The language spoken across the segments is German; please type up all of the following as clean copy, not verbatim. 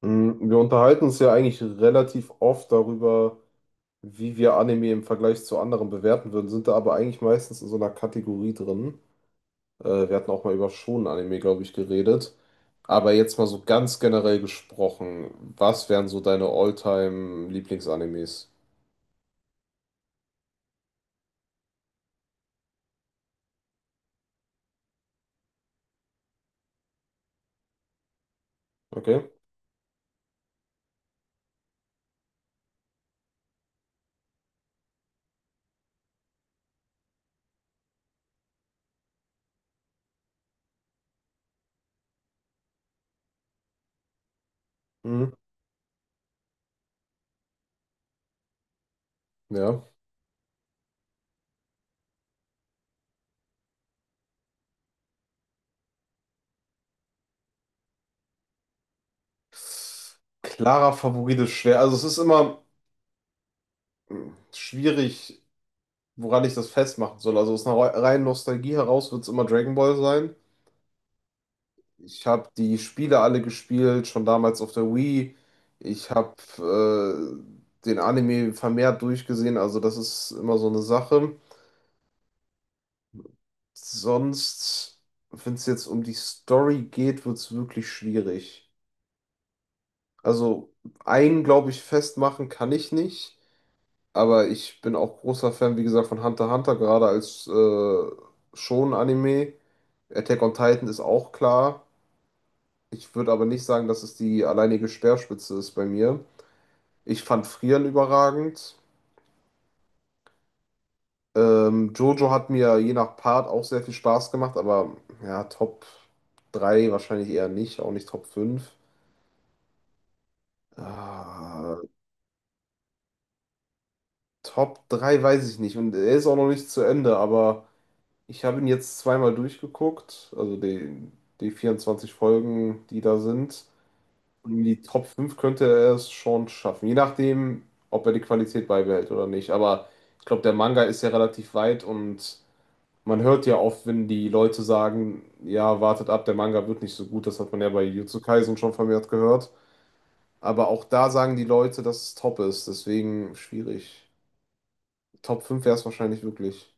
Wir unterhalten uns ja eigentlich relativ oft darüber, wie wir Anime im Vergleich zu anderen bewerten würden, sind da aber eigentlich meistens in so einer Kategorie drin. Wir hatten auch mal über Shonen-Anime, glaube ich, geredet. Aber jetzt mal so ganz generell gesprochen, was wären so deine All-Time-Lieblingsanimes? Okay. Mhm. Ja. Klarer Favorit ist schwer. Also es ist immer schwierig, woran ich das festmachen soll. Also aus einer reinen Nostalgie heraus wird es immer Dragon Ball sein. Ich habe die Spiele alle gespielt, schon damals auf der Wii. Ich habe den Anime vermehrt durchgesehen, also das ist immer so eine Sache. Sonst, wenn es jetzt um die Story geht, wird es wirklich schwierig. Also einen, glaube ich, festmachen kann ich nicht, aber ich bin auch großer Fan, wie gesagt, von Hunter x Hunter, gerade als Shonen-Anime. Attack on Titan ist auch klar. Ich würde aber nicht sagen, dass es die alleinige Speerspitze ist bei mir. Ich fand Frieren überragend. Jojo hat mir je nach Part auch sehr viel Spaß gemacht, aber ja, Top 3 wahrscheinlich eher nicht, auch nicht Top 5. Ah, Top 3 weiß ich nicht und er ist auch noch nicht zu Ende, aber ich habe ihn jetzt zweimal durchgeguckt, also die 24 Folgen, die da sind. Und in die Top 5 könnte er es schon schaffen, je nachdem, ob er die Qualität beibehält oder nicht. Aber ich glaube, der Manga ist ja relativ weit und man hört ja oft, wenn die Leute sagen, ja, wartet ab, der Manga wird nicht so gut. Das hat man ja bei Jujutsu Kaisen schon vermehrt gehört. Aber auch da sagen die Leute, dass es top ist. Deswegen schwierig. Top fünf wäre es wahrscheinlich wirklich.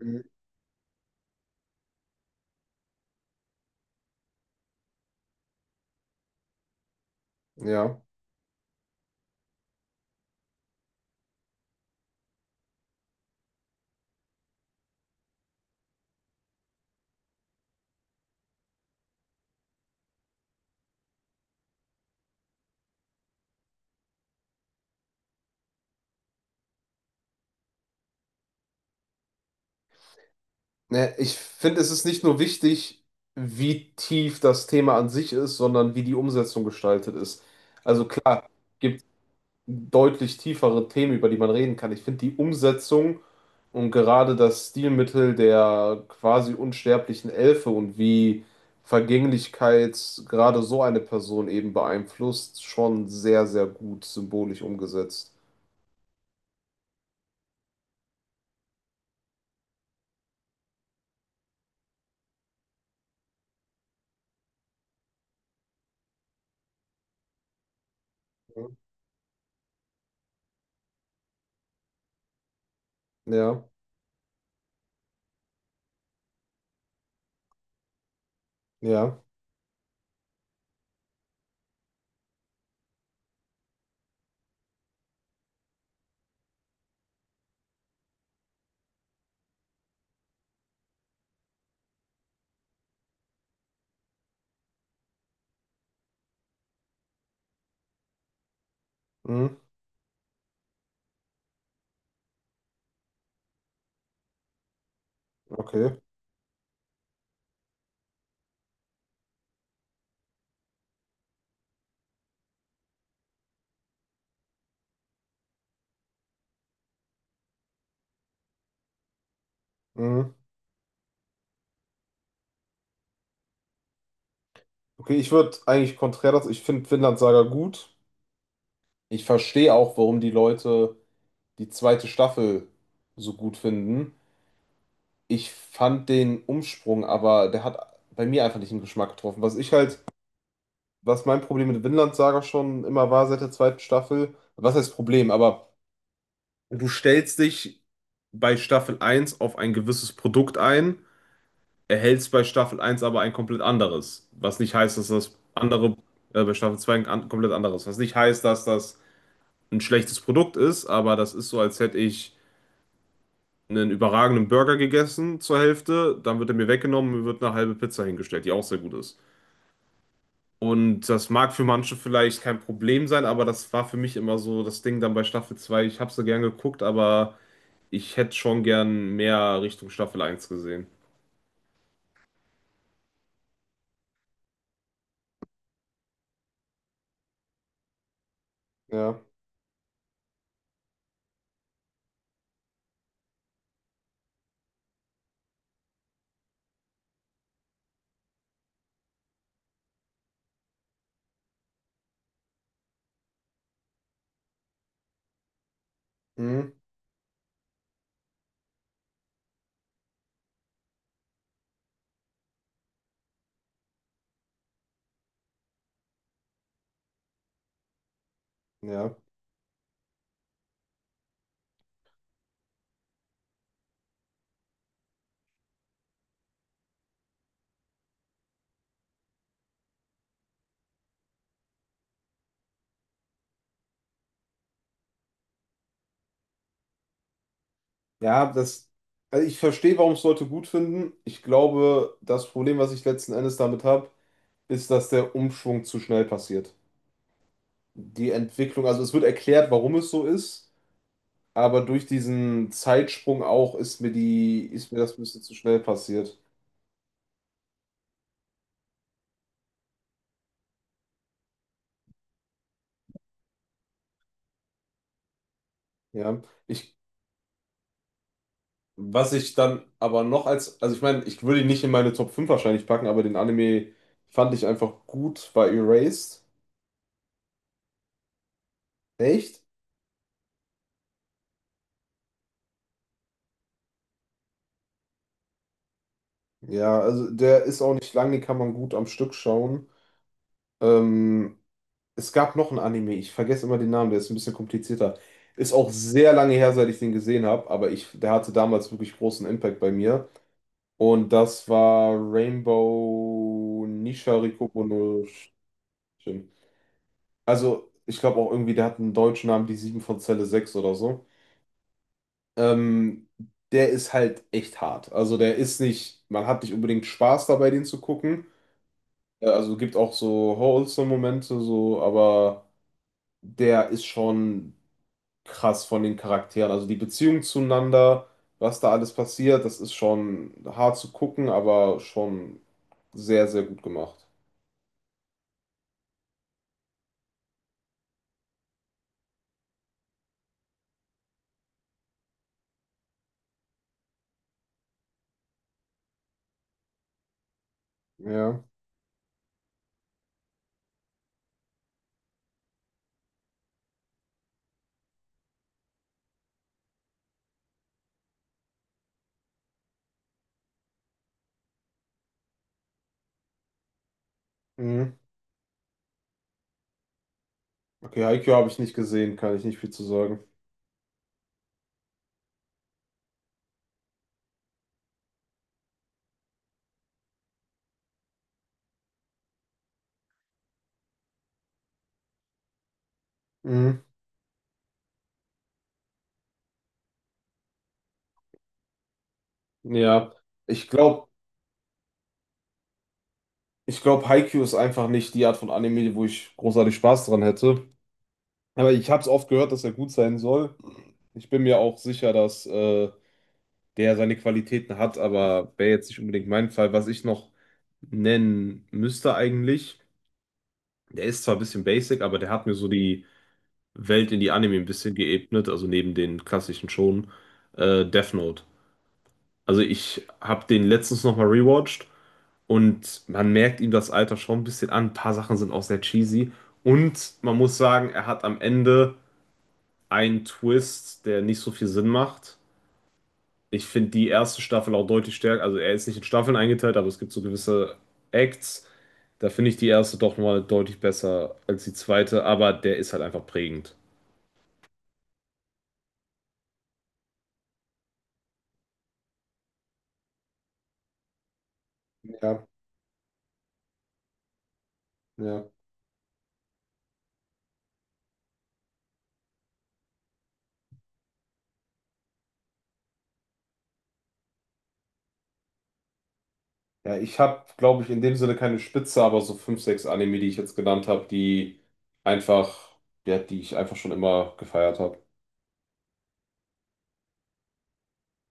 Mhm. Ja. Ne, ich finde, es ist nicht nur wichtig, wie tief das Thema an sich ist, sondern wie die Umsetzung gestaltet ist. Also klar, gibt deutlich tiefere Themen, über die man reden kann. Ich finde die Umsetzung und gerade das Stilmittel der quasi unsterblichen Elfe und wie Vergänglichkeit gerade so eine Person eben beeinflusst, schon sehr, sehr gut symbolisch umgesetzt. Ja, ja, mhm, okay, mhm. Okay, ich würde eigentlich konträr dazu, ich finde Vinland Saga gut. Ich verstehe auch, warum die Leute die zweite Staffel so gut finden. Ich fand den Umsprung, aber der hat bei mir einfach nicht den Geschmack getroffen. Was ich halt, was mein Problem mit Vinland Saga schon immer war seit der zweiten Staffel, was heißt Problem, aber du stellst dich bei Staffel eins auf ein gewisses Produkt ein, erhältst bei Staffel eins aber ein komplett anderes. Was nicht heißt, dass das andere, bei Staffel 2 ein komplett anderes. Was nicht heißt, dass das ein schlechtes Produkt ist, aber das ist so, als hätte ich einen überragenden Burger gegessen zur Hälfte, dann wird er mir weggenommen, und mir wird eine halbe Pizza hingestellt, die auch sehr gut ist. Und das mag für manche vielleicht kein Problem sein, aber das war für mich immer so das Ding dann bei Staffel 2. Ich habe so gern geguckt, aber ich hätte schon gern mehr Richtung Staffel eins gesehen. Ja, mhm. Ja, ja, das, also ich verstehe, warum es Leute gut finden. Ich glaube, das Problem, was ich letzten Endes damit habe, ist, dass der Umschwung zu schnell passiert. Die Entwicklung, also es wird erklärt, warum es so ist, aber durch diesen Zeitsprung auch ist mir ist mir das ein bisschen zu schnell passiert. Ja. Ich, was ich dann aber noch als, also ich meine, ich würde ihn nicht in meine Top 5 wahrscheinlich packen, aber den Anime fand ich einfach gut bei Erased. Echt? Ja, also der ist auch nicht lang, den kann man gut am Stück schauen. Ähm, Es gab noch ein Anime, ich vergesse immer den Namen, der ist ein bisschen komplizierter. Ist auch sehr lange her, seit ich den gesehen habe, aber ich, der hatte damals wirklich großen Impact bei mir. Und das war Rainbow Nishariko no Shin. Also, ich glaube auch irgendwie, der hat einen deutschen Namen, die 7 von Zelle 6 oder so. Ähm, Der ist halt echt hart. Also, der ist nicht, man hat nicht unbedingt Spaß dabei, den zu gucken. Also, gibt auch so wholesome Momente, so, aber der ist schon krass von den Charakteren. Also, die Beziehung zueinander, was da alles passiert, das ist schon hart zu gucken, aber schon sehr, sehr gut gemacht. Ja. Mhm. Okay, Haikyuu habe ich nicht gesehen, kann ich nicht viel zu sagen. Mhm. Ja, ich glaube, ich glaube, Haikyuu ist einfach nicht die Art von Anime, wo ich großartig Spaß dran hätte. Aber ich habe es oft gehört, dass er gut sein soll. Ich bin mir auch sicher, dass der seine Qualitäten hat, aber wäre jetzt nicht unbedingt mein Fall. Was ich noch nennen müsste eigentlich, der ist zwar ein bisschen basic, aber der hat mir so die Welt in die Anime ein bisschen geebnet, also neben den klassischen schon. Death Note. Also ich habe den letztens nochmal rewatcht und man merkt ihm das Alter schon ein bisschen an. Ein paar Sachen sind auch sehr cheesy. Und man muss sagen, er hat am Ende einen Twist, der nicht so viel Sinn macht. Ich finde die erste Staffel auch deutlich stärker. Also er ist nicht in Staffeln eingeteilt, aber es gibt so gewisse Acts. Da finde ich die erste doch mal deutlich besser als die zweite, aber der ist halt einfach prägend. Ja, ja. Ja, ich habe, glaube ich, in dem Sinne keine Spitze, aber so fünf, sechs Anime, die ich jetzt genannt habe, die einfach, ja, die ich einfach schon immer gefeiert habe.